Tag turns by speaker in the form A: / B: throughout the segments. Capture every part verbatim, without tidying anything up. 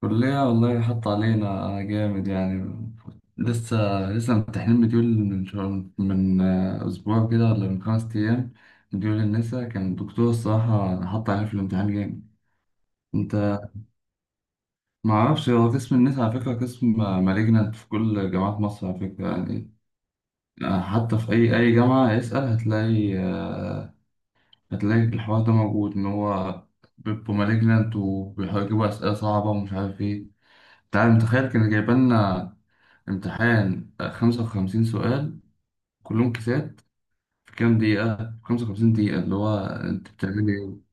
A: كلية والله حط علينا جامد يعني. لسه لسه ممتحنين مديول من شهر من آه، أسبوع كده ولا من خمس أيام. مديول النسا كان الدكتور الصراحة حط علينا في الامتحان جامد. أنت معرفش، هو قسم النسا على فكرة قسم مالجنت في كل جامعات مصر على فكرة يعني. آه، حتى في أي أي جامعة اسأل، هتلاقي آه، هتلاقي الحوار ده موجود، إن هو بيبقوا مالجنت وبيحاولوا يجيبوا أسئلة صعبة ومش عارف إيه. تعال متخيل كان جايبالنا امتحان آه، خمسة وخمسين سؤال كلهم كيسات في كام دقيقة؟ خمسة وخمسين دقيقة، اللي هو أنت بتعمل إيه؟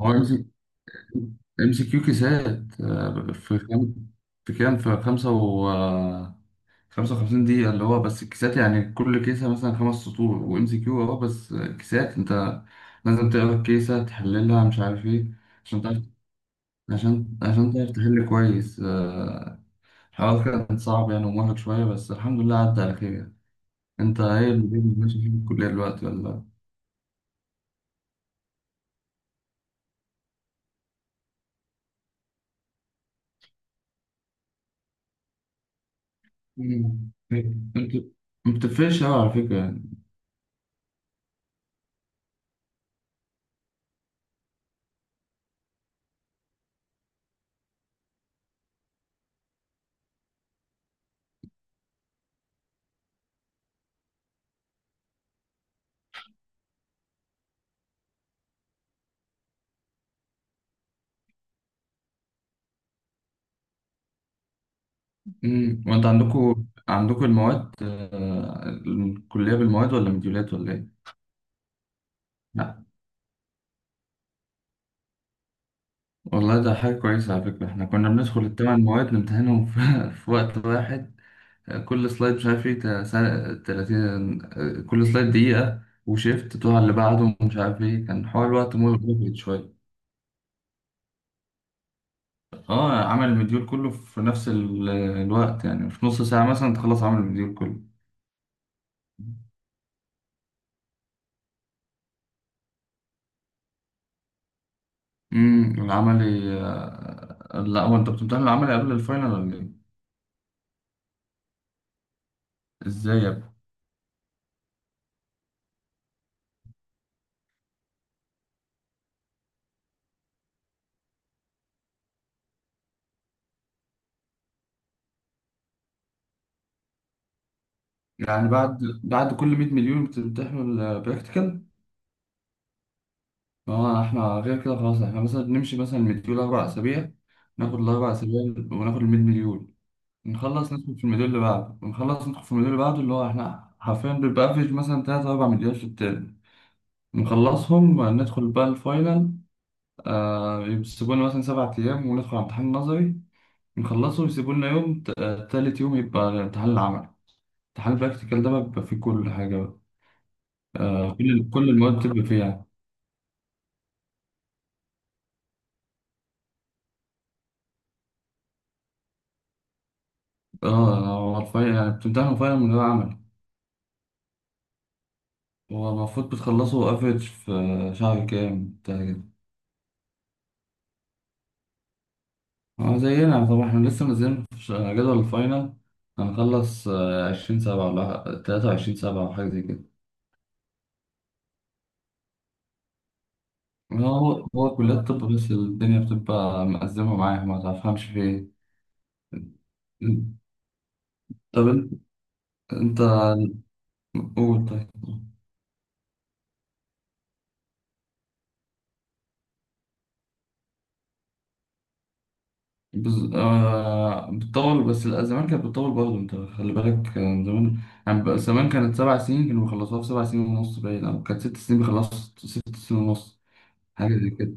A: هو ام سي ام سي كيو كيسات آه، في كام في كام، في خمسة و آه، خمسة وخمسين دقيقة، اللي هو بس الكيسات يعني، كل كيسة مثلا خمس سطور، وام سي كيو أهو بس كيسات. أنت لازم تقرا الكيسة تحللها مش عارف إيه عشان تعرف، عشان عشان تعرف تحل كويس. آه، الحوار كان صعب يعني ومرهق شوية، بس الحمد لله عدى على خير. انت ايه اللي بيني ماشي في الكلية دلوقتي ولا؟ مم. انت ما بتفرقش قوي على فكرة يعني. مم. وانت عندكوا، عندكوا المواد آه، الكلية بالمواد ولا مديولات ولا ايه؟ لا والله ده حاجة كويسة على فكرة، احنا كنا بندخل الثمان مواد نمتحنهم في, في وقت واحد. آه، كل سلايد مش عارف ايه تا- سا- تلاتين، آه، كل سلايد دقيقة وشيفت تروح على اللي بعده ومش عارف ايه، كان حوار الوقت مهم شوية. اه، عمل المديول كله في نفس ال- الوقت يعني، في نص ساعة مثلا تخلص عمل المديول كله. امم العملي، آه، لا، هو انت بتمتحن العملي قبل الفاينل ولا ايه؟ ازاي يا ابني؟ يعني بعد بعد كل 100 مليون بتمتحنوا البراكتيكال؟ اه احنا غير كده خلاص، احنا مثلا بنمشي مثلا المديول أربع أسابيع، ناخد الأربع أسابيع وناخد ال 100 مليون، نخلص ندخل في المديول اللي بعده ونخلص ندخل في المديول اللي بعده، اللي هو احنا حرفيا بيبقى افريج مثلا تلاتة أربع مليون في الترم. نخلصهم ندخل بقى الفاينل. آه، يسيبوا لنا مثلا سبع أيام وندخل على امتحان نظري، نخلصه ويسيبوا لنا يوم ت- آه، تالت يوم يبقى الامتحان العملي. امتحان البراكتيكال ده بقى بيبقى فيه كل حاجة بقى، آه كل كل المواد بتبقى فيه يعني. اه هو الفاينل يعني بتمتحنوا فاينل من غير عمل. هو المفروض بتخلصوا افريج في شهر كام بتاع كده؟ اه زينا طبعا، احنا لسه منزلين في ش- جدول الفاينل. هنخلص عشرين سبعة ولا تلاتة وعشرين سبعة أو حاجة زي كده. هو هو كليات الطب بس الدنيا بتبقى مأزمة معايا، ما تفهمش في إيه. طب انت، انت قول طيب. بز... آه... بتطول، بس لا، زمان كانت بتطول برضه، انت خلي بالك كان زمان يعني، بقى زمان كانت سبع سنين كانوا بيخلصوها في سبع سنين ونص باين، او كانت ست سنين بيخلصوا في ست سنين ونص، حاجة زي كده.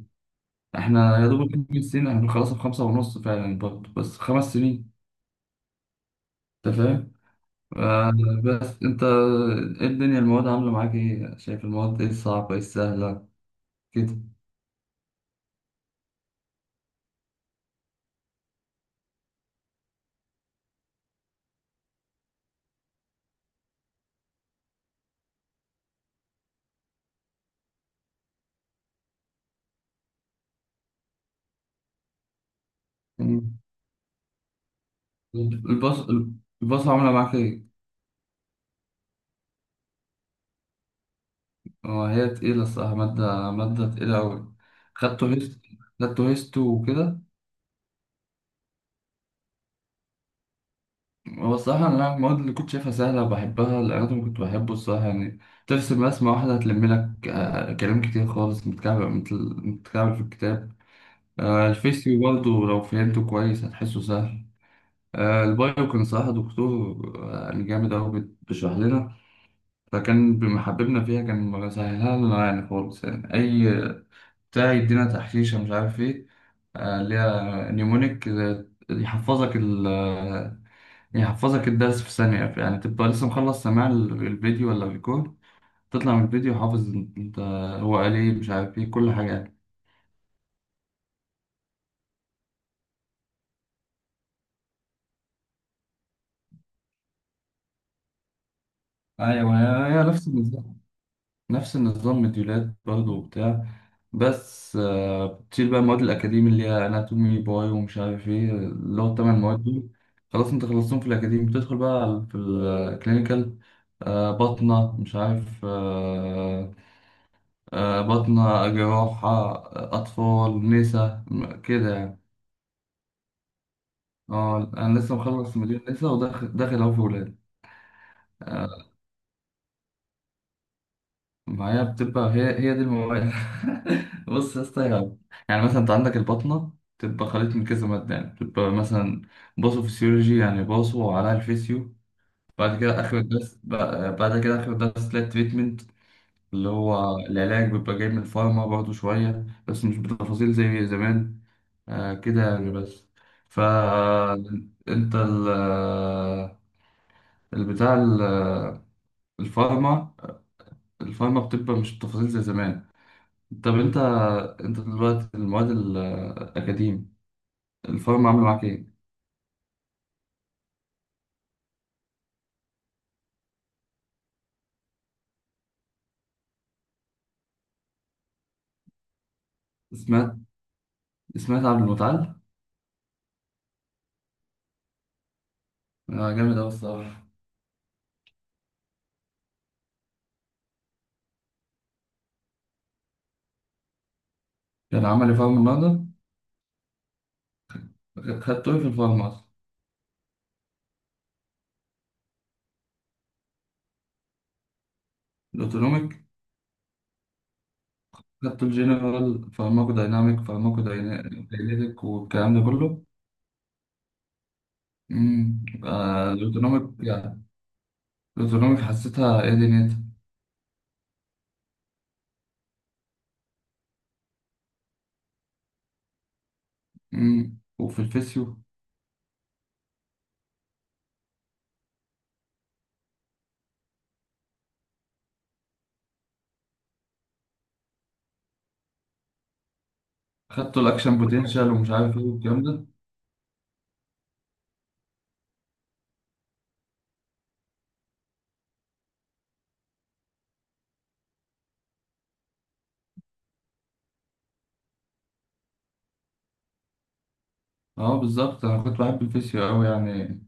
A: احنا يا دوب خمس سنين، احنا بنخلصها في خمسة ونص فعلا برضه، بس خمس سنين. انت فاهم. آه... بس انت، ايه الدنيا، المواد عاملة معاك ايه، شايف المواد ايه الصعبة ايه السهلة كده؟ مم. الباص، الباص عاملة معاك ايه؟ هو هي تقيلة الصراحة، مادة مادة تقيلة أوي. خدته هيست خدته هيستو وكده. هو الصراحة أنا المواد اللي كنت شايفها سهلة وبحبها، الأناتومي كنت بحبه الصراحة يعني، ترسم رسمة واحدة هتلم لك آه، كلام كتير خالص متكعب متل- متكعب في الكتاب. آه، الفيسيو برضه لو فهمته كويس هتحسه سهل. آه، البايو كان صراحة دكتور آه، يعني جامد أوي، بت- بيشرح لنا، فكان بمحببنا فيها، كان مسهلها لنا يعني خالص يعني، أي بتاع يدينا تحشيشة مش عارف إيه، آه، اللي هي نيومونيك، آه، يحفظك ال آه، يحفظك الدرس في ثانية يعني، تبقى لسه مخلص سماع ال- الفيديو ولا الريكورد، تطلع من الفيديو حافظ. انت، هو قال ايه مش عارف ايه كل حاجة يعني. ايوه، هي هي نفس النظام، نفس النظام مديولات برضه وبتاع، بس آه، بتشيل بقى المواد الأكاديمي اللي هي أناتومي باي ومش عارف إيه، اللي هو التمن مواد دول. خلاص أنت خلصتهم في الأكاديمي، بتدخل بقى على- في الكلينيكال، بطنة مش عارف آه، آه، بطنة جراحة آه، أطفال نسا م- كده يعني. اه أنا لسه مخلص مدير نسا وداخل، داخل أهو في ولاد. آه، معايا بتبقى هي هي دي المواد بص يا اسطى يا- يعني مثلا أنت عندك البطنة، بتبقى خليط من كذا مادة يعني، بتبقى مثلا باثوفيسيولوجي يعني باثو على الفيسيو. بعد كده آخر الدرس بقى- بعد كده آخر الدرس تلاقي تريتمنت، اللي هو العلاج بيبقى جاي من الفارما برضه شوية، بس مش بتفاصيل زي زمان. آه، كده يعني بس. فانت البتاع ال- آه، الفارما الفارما بتبقى مش بتفاصيل زي زمان. طب انت، انت دلوقتي المواد الاكاديم، الفارما عامله معاك ايه؟ سمعت سمعت عبد المتعال؟ آه، جامد اوي الصراحه. كان عمل لي فارما النهارده. خدته ايه في الفارما اصلا؟ الاوتونوميك. خدته الجنرال فارماكو دايناميك، فارماكو دايناميك والكلام ده كله. امم آه، الاوتونوميك يعني، الزرونج حسيتها ايه دنيتها؟ مم. وفي الفيسيو، خدته الاكشن بوتنشال ومش عارف ايه والكلام ده. اه بالظبط، انا كنت بحب الفيسيو قوي يعني.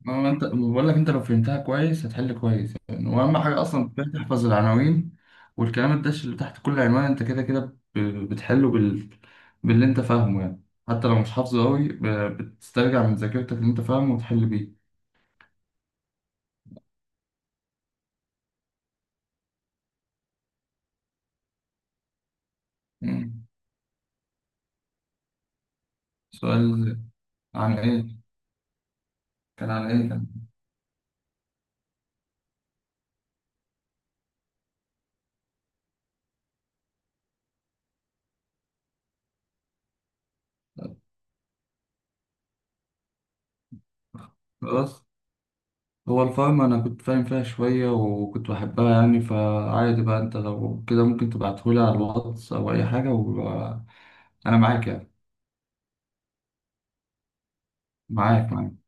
A: ما هو انت بقول لك، انت لو فهمتها كويس هتحل كويس يعني، واهم حاجه اصلا كفاية تحفظ العناوين والكلام الدش اللي تحت كل عنوان، انت كده كده ب- بتحله بال... باللي انت فاهمه يعني، حتى لو مش حافظه قوي ب- بتسترجع من ذاكرتك اللي انت فاهمه وتحل بيه. مم. سؤال عن ايه؟ كان عن ايه كان؟ خلاص، هو الفارما أنا كنت فاهم فيها شوية وكنت بحبها يعني، فعادي بقى، أنت لو كده ممكن تبعتهولي على الواتس أو أي حاجة وأنا معاك يعني. معاك، معاك.